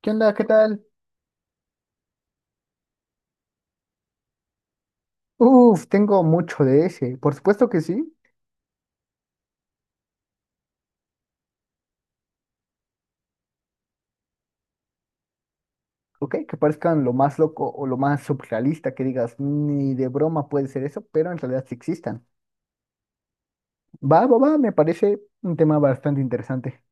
¿Qué onda? ¿Qué tal? Uf, tengo mucho de ese. Por supuesto que sí. Ok, que parezcan lo más loco o lo más surrealista que digas, ni de broma puede ser eso, pero en realidad sí existan. Va, va, va, me parece un tema bastante interesante.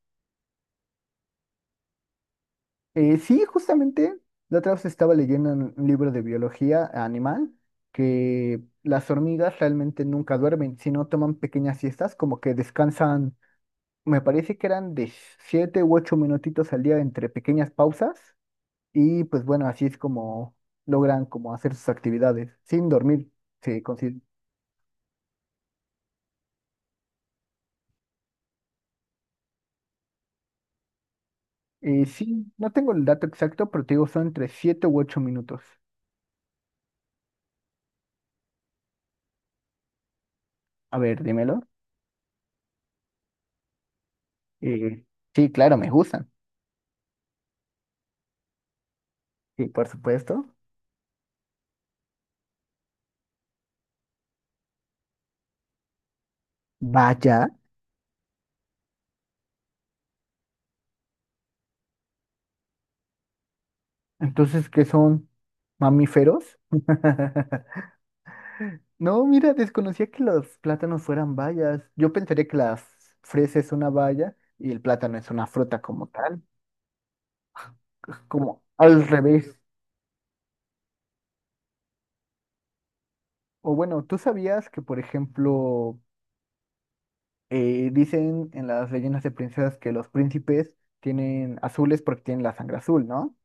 Sí, justamente, la otra vez estaba leyendo un libro de biología animal que las hormigas realmente nunca duermen, sino toman pequeñas siestas, como que descansan. Me parece que eran de siete u ocho minutitos al día entre pequeñas pausas. Y pues bueno, así es como logran como hacer sus actividades sin dormir, se considera. Sí, no tengo el dato exacto, pero te digo, son entre siete u ocho minutos. A ver, dímelo. Eh, sí, claro, me gustan. Sí, por supuesto. Vaya. Entonces, ¿qué son mamíferos? No, mira, desconocía que los plátanos fueran bayas. Yo pensaría que las fresas es una baya y el plátano es una fruta como tal, pues, como al revés. O bueno, ¿tú sabías que, por ejemplo, dicen en las leyendas de princesas que los príncipes tienen azules porque tienen la sangre azul? ¿No?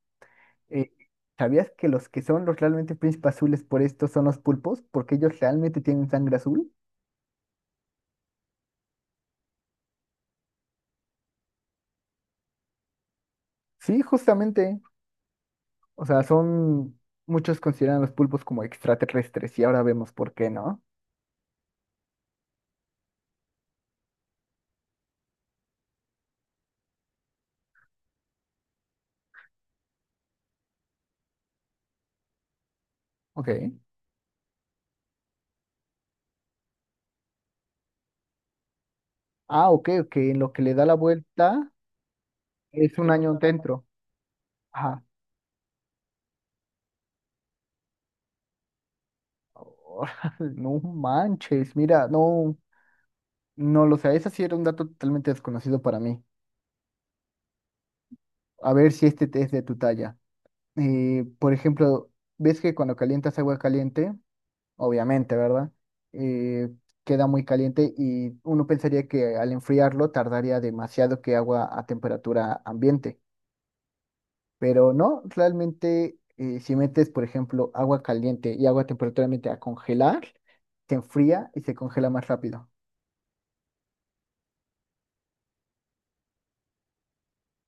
Eh, ¿Sabías que los que son los realmente príncipes azules por esto son los pulpos? Porque ellos realmente tienen sangre azul. Sí, justamente. O sea, son... Muchos consideran a los pulpos como extraterrestres y ahora vemos por qué, ¿no? Ok. Ah, ok, ok. En lo que le da la vuelta es un año dentro. Ajá. No manches, mira, no. No lo sé, ese sí era un dato totalmente desconocido para mí. A ver si este es de tu talla. Por ejemplo, ves que cuando calientas agua caliente, obviamente, ¿verdad? Eh, Queda muy caliente y uno pensaría que al enfriarlo tardaría demasiado que agua a temperatura ambiente. Pero no, realmente si metes, por ejemplo, agua caliente y agua a temperatura ambiente a congelar, se enfría y se congela más rápido.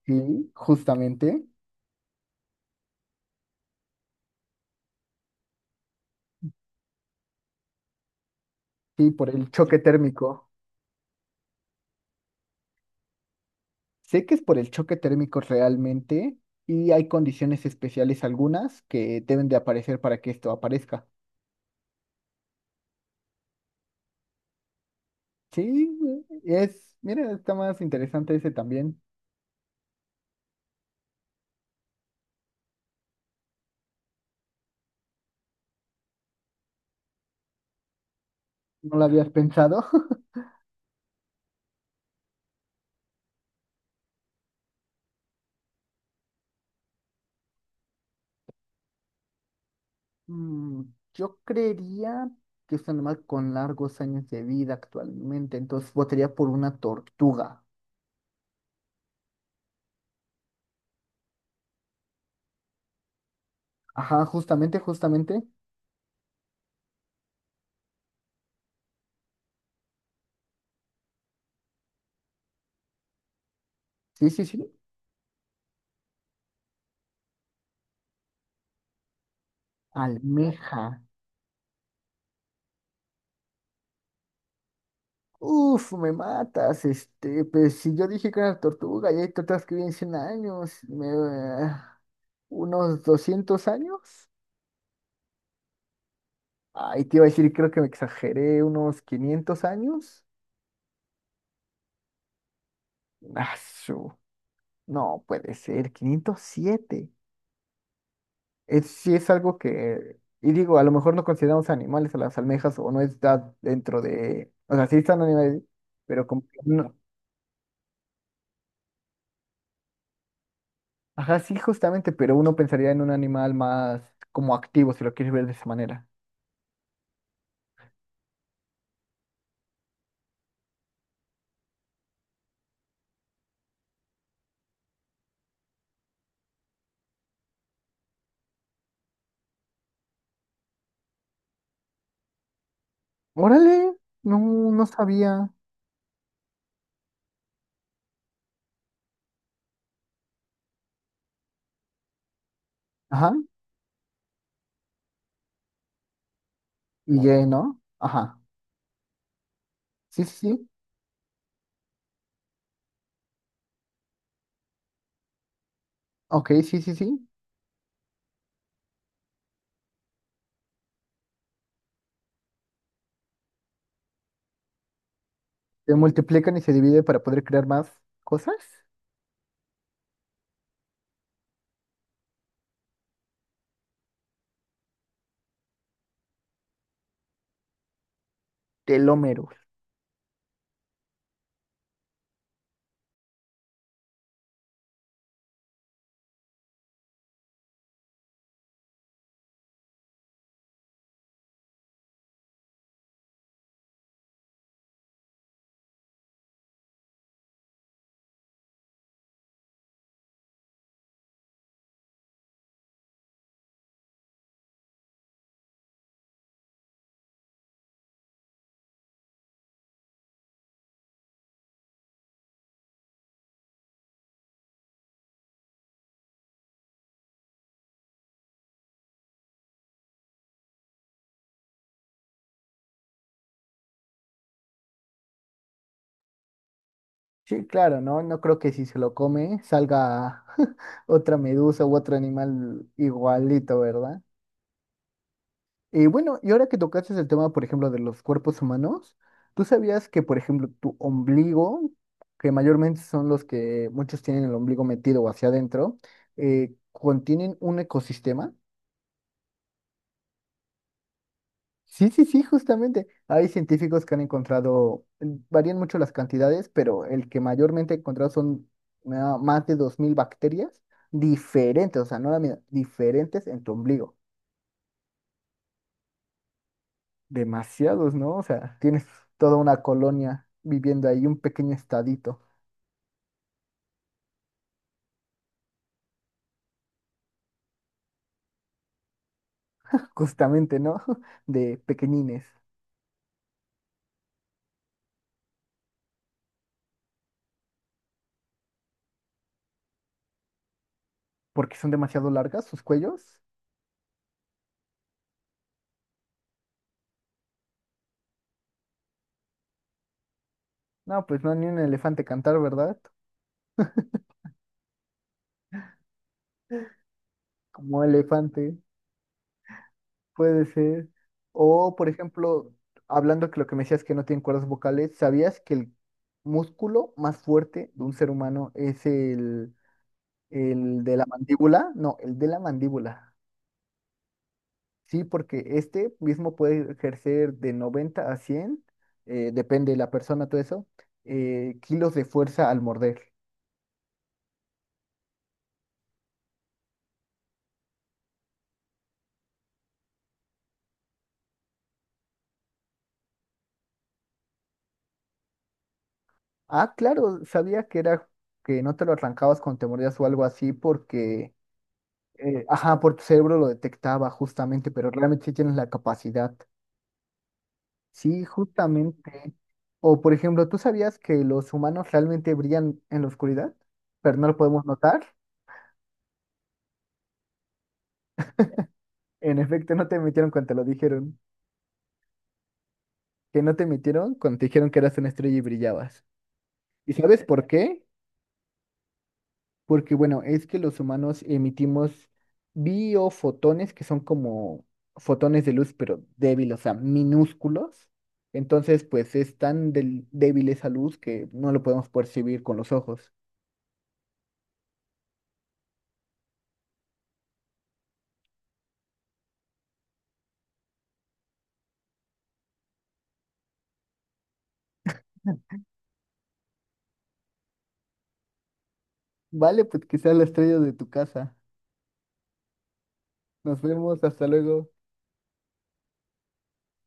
Sí, justamente. Sí, por el choque térmico. Sé que es por el choque térmico realmente y hay condiciones especiales algunas que deben de aparecer para que esto aparezca. Sí, es, mira, está más interesante ese también. No lo habías pensado. Mm, Yo creería que es un animal con largos años de vida actualmente, entonces votaría por una tortuga. Ajá, justamente, justamente. Sí, sí, sí. Almeja. Uf, me matas, este, pues si yo dije que era tortuga y hay tortugas que viven 100 años, me, unos 200 años. Ay, te iba a decir, creo que me exageré, unos 500 años. Ah, su- no puede ser, 507. Es, sí es algo que, y digo, a lo mejor no consideramos animales a las almejas o no está dentro de, o sea, sí están animales, pero como que no. Ajá, sí, justamente, pero uno pensaría en un animal más como activo, si lo quieres ver de esa manera. Órale, no, no sabía. Ajá, y Y, ¿no? Ajá. Sí, sí, sí. Ok, sí, sí, sí. Se multiplican y se divide para poder crear más cosas. Telómeros. Sí, claro, ¿no? No creo que si se lo come salga otra medusa u otro animal igualito, ¿verdad? Y bueno, y ahora que tocaste el tema, por ejemplo, de los cuerpos humanos, ¿tú sabías que, por ejemplo, tu ombligo, que mayormente son los que muchos tienen el ombligo metido o hacia adentro, contienen un ecosistema? Sí, sí, sí, justamente. Hay científicos que han encontrado, varían mucho las cantidades, pero el que mayormente he encontrado son más de 2000 bacterias diferentes, o sea, no la misma, diferentes en tu ombligo. Demasiados, ¿no? O sea, tienes toda una colonia viviendo ahí, un pequeño estadito, justamente, ¿no? De pequeñines, porque son demasiado largas sus cuellos. No, pues no, ni un elefante cantar, ¿verdad? Como elefante, puede ser. O, por ejemplo, hablando que lo que me decías que no tienen cuerdas vocales, ¿sabías que el músculo más fuerte de un ser humano es el de la mandíbula? No, el de la mandíbula. Sí, porque este mismo puede ejercer de 90 a 100, depende de la persona, todo eso, kilos de fuerza al morder. Ah, claro, sabía que era que no te lo arrancabas cuando te mordías o algo así porque, ajá, por tu cerebro lo detectaba justamente, pero realmente sí tienes la capacidad. Sí, justamente. O por ejemplo, ¿tú sabías que los humanos realmente brillan en la oscuridad, pero no lo podemos notar? En efecto, no te metieron cuando te lo dijeron. Que no te emitieron cuando te dijeron que eras una estrella y brillabas. ¿Y sabes por qué? Porque, bueno, es que los humanos emitimos biofotones, que son como fotones de luz, pero débiles, o sea, minúsculos. Entonces, pues es tan débil esa luz que no lo podemos percibir con los ojos. Vale, pues que sea la estrella de tu casa. Nos vemos, hasta luego.